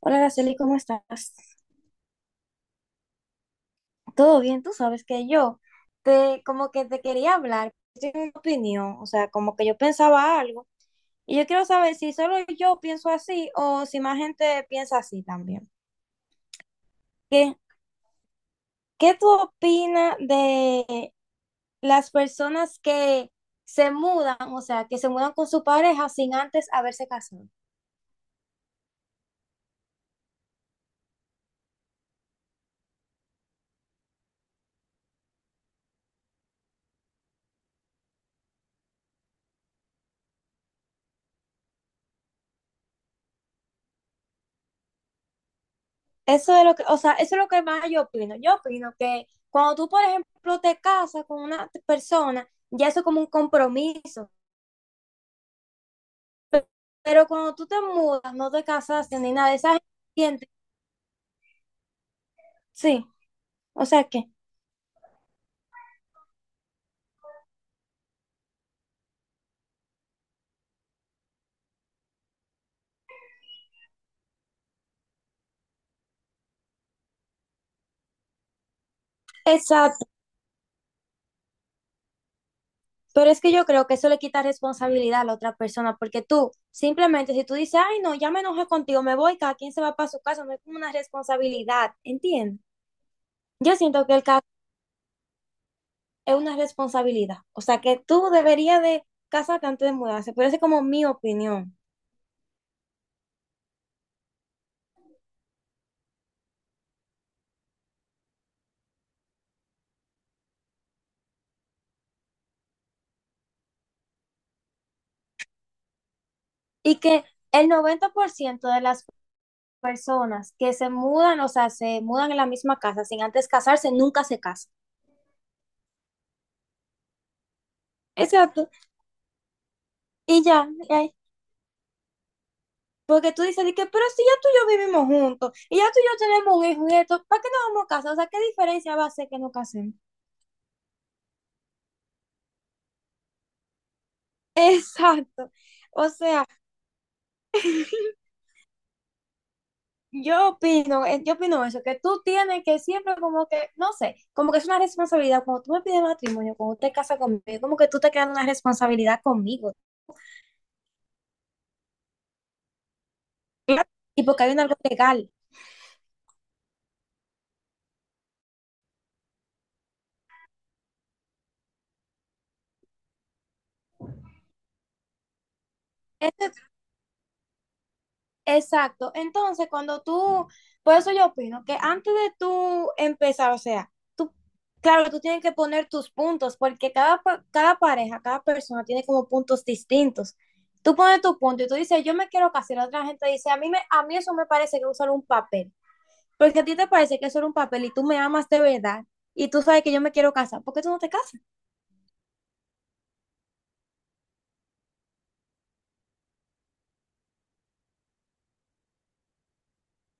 Hola, Araceli, ¿cómo estás? ¿Todo bien? Tú sabes que yo te como que te quería hablar, tengo una opinión, o sea, como que yo pensaba algo y yo quiero saber si solo yo pienso así o si más gente piensa así también. ¿Qué, qué tú opinas de las personas que se mudan, o sea, que se mudan con su pareja sin antes haberse casado? Eso es lo que, o sea, eso es lo que más yo opino. Yo opino que cuando tú, por ejemplo, te casas con una persona, ya eso es como un compromiso. Pero, pero cuando tú te mudas, no te casaste ni nada, esa gente siente- Sí. o sea que, exacto. Pero es que yo creo que eso le quita responsabilidad a la otra persona, porque tú simplemente si tú dices, ay, no, ya me enojé contigo, me voy, cada quien se va para su casa, no es como una responsabilidad, ¿entiendes? Yo siento que el es una responsabilidad. O sea, que tú deberías de casarte antes de mudarse, pero esa es como mi opinión. Y que el 90% de las personas que se mudan, o sea, se mudan en la misma casa sin antes casarse, nunca se casan. Exacto. Y ya, y ahí. Porque tú dices, de que, pero si ya tú y yo vivimos juntos, y ya tú y yo tenemos un hijo y esto, ¿para qué nos vamos a casar? O sea, ¿qué diferencia va a ser que nos casemos? Exacto. O sea, yo opino, yo opino eso, que tú tienes que siempre como que, no sé, como que es una responsabilidad. Cuando tú me pides matrimonio, cuando te casas conmigo, es como que tú te creas una responsabilidad conmigo. Claro. Y porque hay un algo legal. Ente- exacto. Entonces, cuando tú, por eso yo opino que antes de tú empezar, o sea, tú, claro, tú tienes que poner tus puntos, porque cada, cada pareja, cada persona tiene como puntos distintos. Tú pones tu punto y tú dices, yo me quiero casar, y la otra gente dice, a mí eso me parece que es solo un papel. Porque a ti te parece que eso era un papel y tú me amas de verdad y tú sabes que yo me quiero casar, ¿por qué tú no te casas?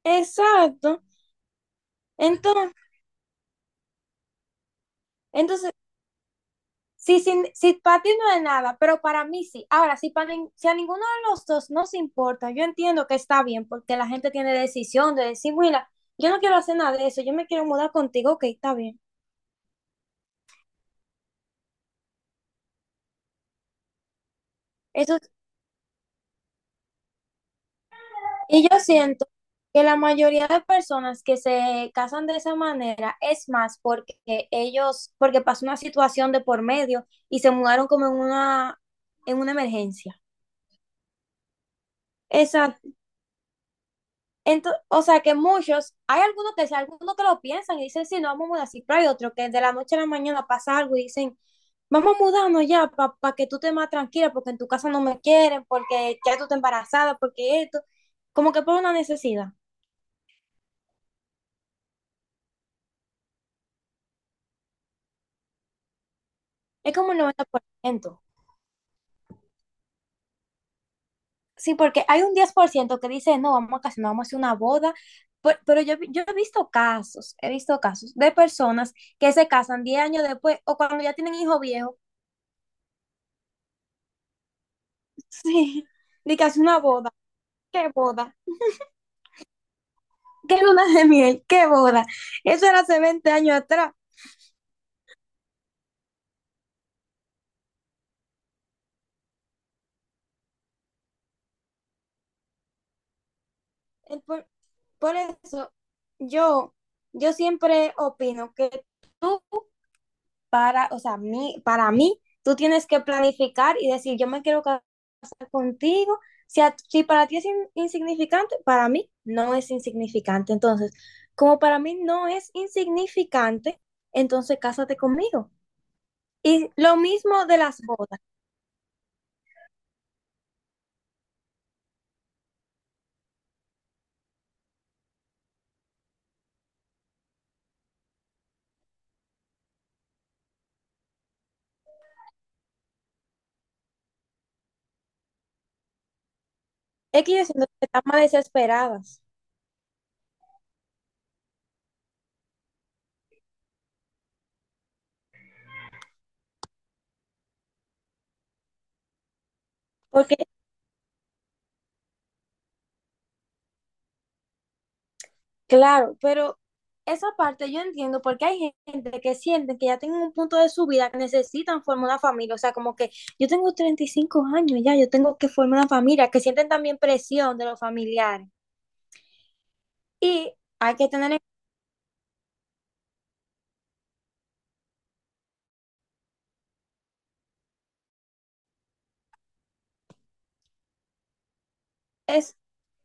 Exacto. Entonces, entonces, si para ti no es nada, pero para mí sí. Ahora, si a ninguno de los dos no se importa, yo entiendo que está bien porque la gente tiene decisión de decir, mira, yo no quiero hacer nada de eso, yo me quiero mudar contigo, ok, está bien. Eso, y yo siento que la mayoría de personas que se casan de esa manera es más porque ellos, porque pasó una situación de por medio y se mudaron como en una emergencia. Exacto. O sea que muchos, hay algunos que, sí, algunos que lo piensan y dicen, sí, no vamos a mudar, sí, pero hay otros que de la noche a la mañana pasa algo y dicen, vamos a mudarnos ya para que tú te más tranquila, porque en tu casa no me quieren, porque ya tú estás embarazada, porque esto, como que por una necesidad. Es como el 90%. Sí, porque hay un 10% que dice, no, vamos a casarnos, vamos a hacer una boda. Yo he visto casos de personas que se casan 10 años después o cuando ya tienen hijos viejos. Sí, de que hace una boda, qué luna de miel, qué boda. Eso era hace 20 años atrás. El Por, por eso yo, yo siempre opino que tú para, o sea, mí, para mí, tú tienes que planificar y decir, yo me quiero casar contigo. Si, si para ti es insignificante, para mí no es insignificante. Entonces, como para mí no es insignificante, entonces cásate conmigo. Y lo mismo de las bodas. Es que yo siento que estamos desesperadas, porque claro, pero esa parte yo entiendo porque hay gente que sienten que ya tienen un punto de su vida que necesitan formar una familia, o sea, como que yo tengo 35 años ya, yo tengo que formar una familia, que sienten también presión de los familiares. Y hay que tener es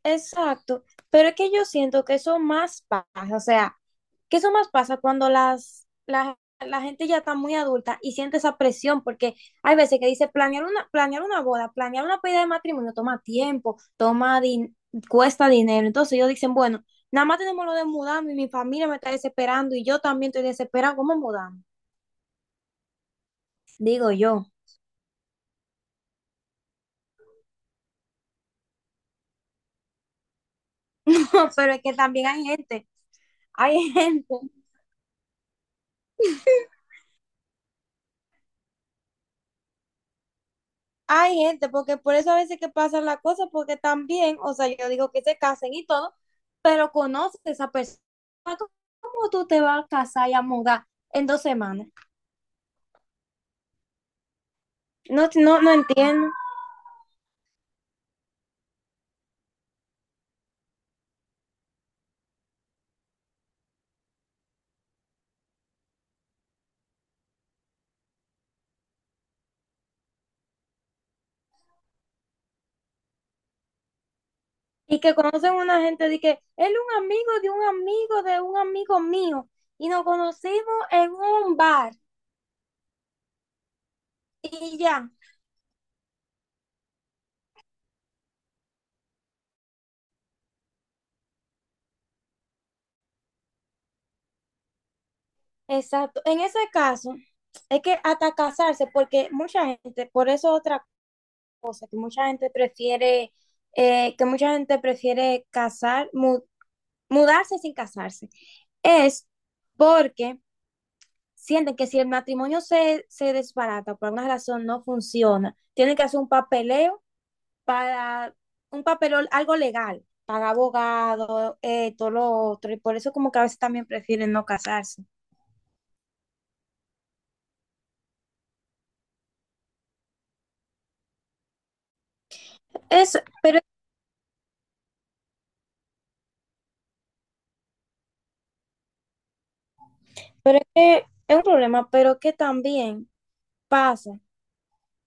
exacto, pero es que yo siento que eso más pasa, o sea, que eso más pasa cuando la gente ya está muy adulta y siente esa presión, porque hay veces que dice planear una boda, planear una pedida de matrimonio toma tiempo, cuesta dinero. Entonces ellos dicen, bueno, nada más tenemos lo de mudarme y mi familia me está desesperando y yo también estoy desesperada, ¿cómo mudarme? Digo yo, pero es que también hay gente, hay gente. Hay gente, porque por eso a veces que pasa la cosa, porque también, o sea, yo digo que se casen y todo, pero conoces a esa persona, ¿cómo tú te vas a casar y a mudar en 2 semanas? No, no, no entiendo. Y que conocen una gente de que él es un amigo de un amigo de un amigo mío y nos conocimos en un bar y ya, exacto. En ese caso, es que hasta casarse, porque mucha gente, por eso otra cosa, que mucha gente prefiere, que mucha gente prefiere mudarse sin casarse, es porque sienten que si el matrimonio se desbarata por alguna razón, no funciona, tienen que hacer un papeleo para, un papeleo, algo legal, para abogado, todo lo otro, y por eso como que a veces también prefieren no casarse. Es, pero, pero es que es un problema, pero que también pasa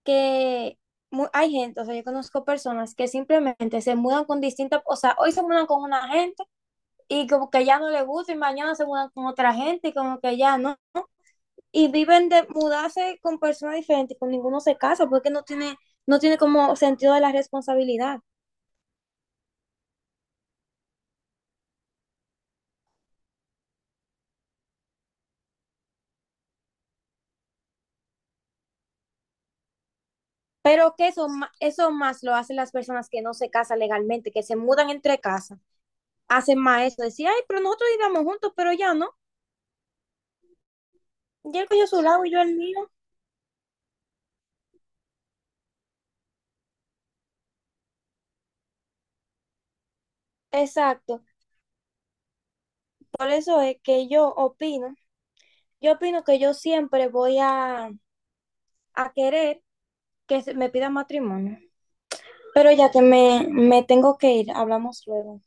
que hay gente, o sea, yo conozco personas que simplemente se mudan con distintas, o sea, hoy se mudan con una gente y como que ya no le gusta y mañana se mudan con otra gente y como que ya no. Y viven de mudarse con personas diferentes, con ninguno se casa porque no tiene, no tiene como sentido de la responsabilidad. Pero que eso, eso más lo hacen las personas que no se casan legalmente, que se mudan entre casas, hacen más eso, decir, ay, pero nosotros vivíamos juntos, pero ya no, ya él cogió su lado y yo el mío. Exacto. Por eso es que yo opino que yo siempre voy a querer que me pidan matrimonio. Pero ya que me tengo que ir, hablamos luego.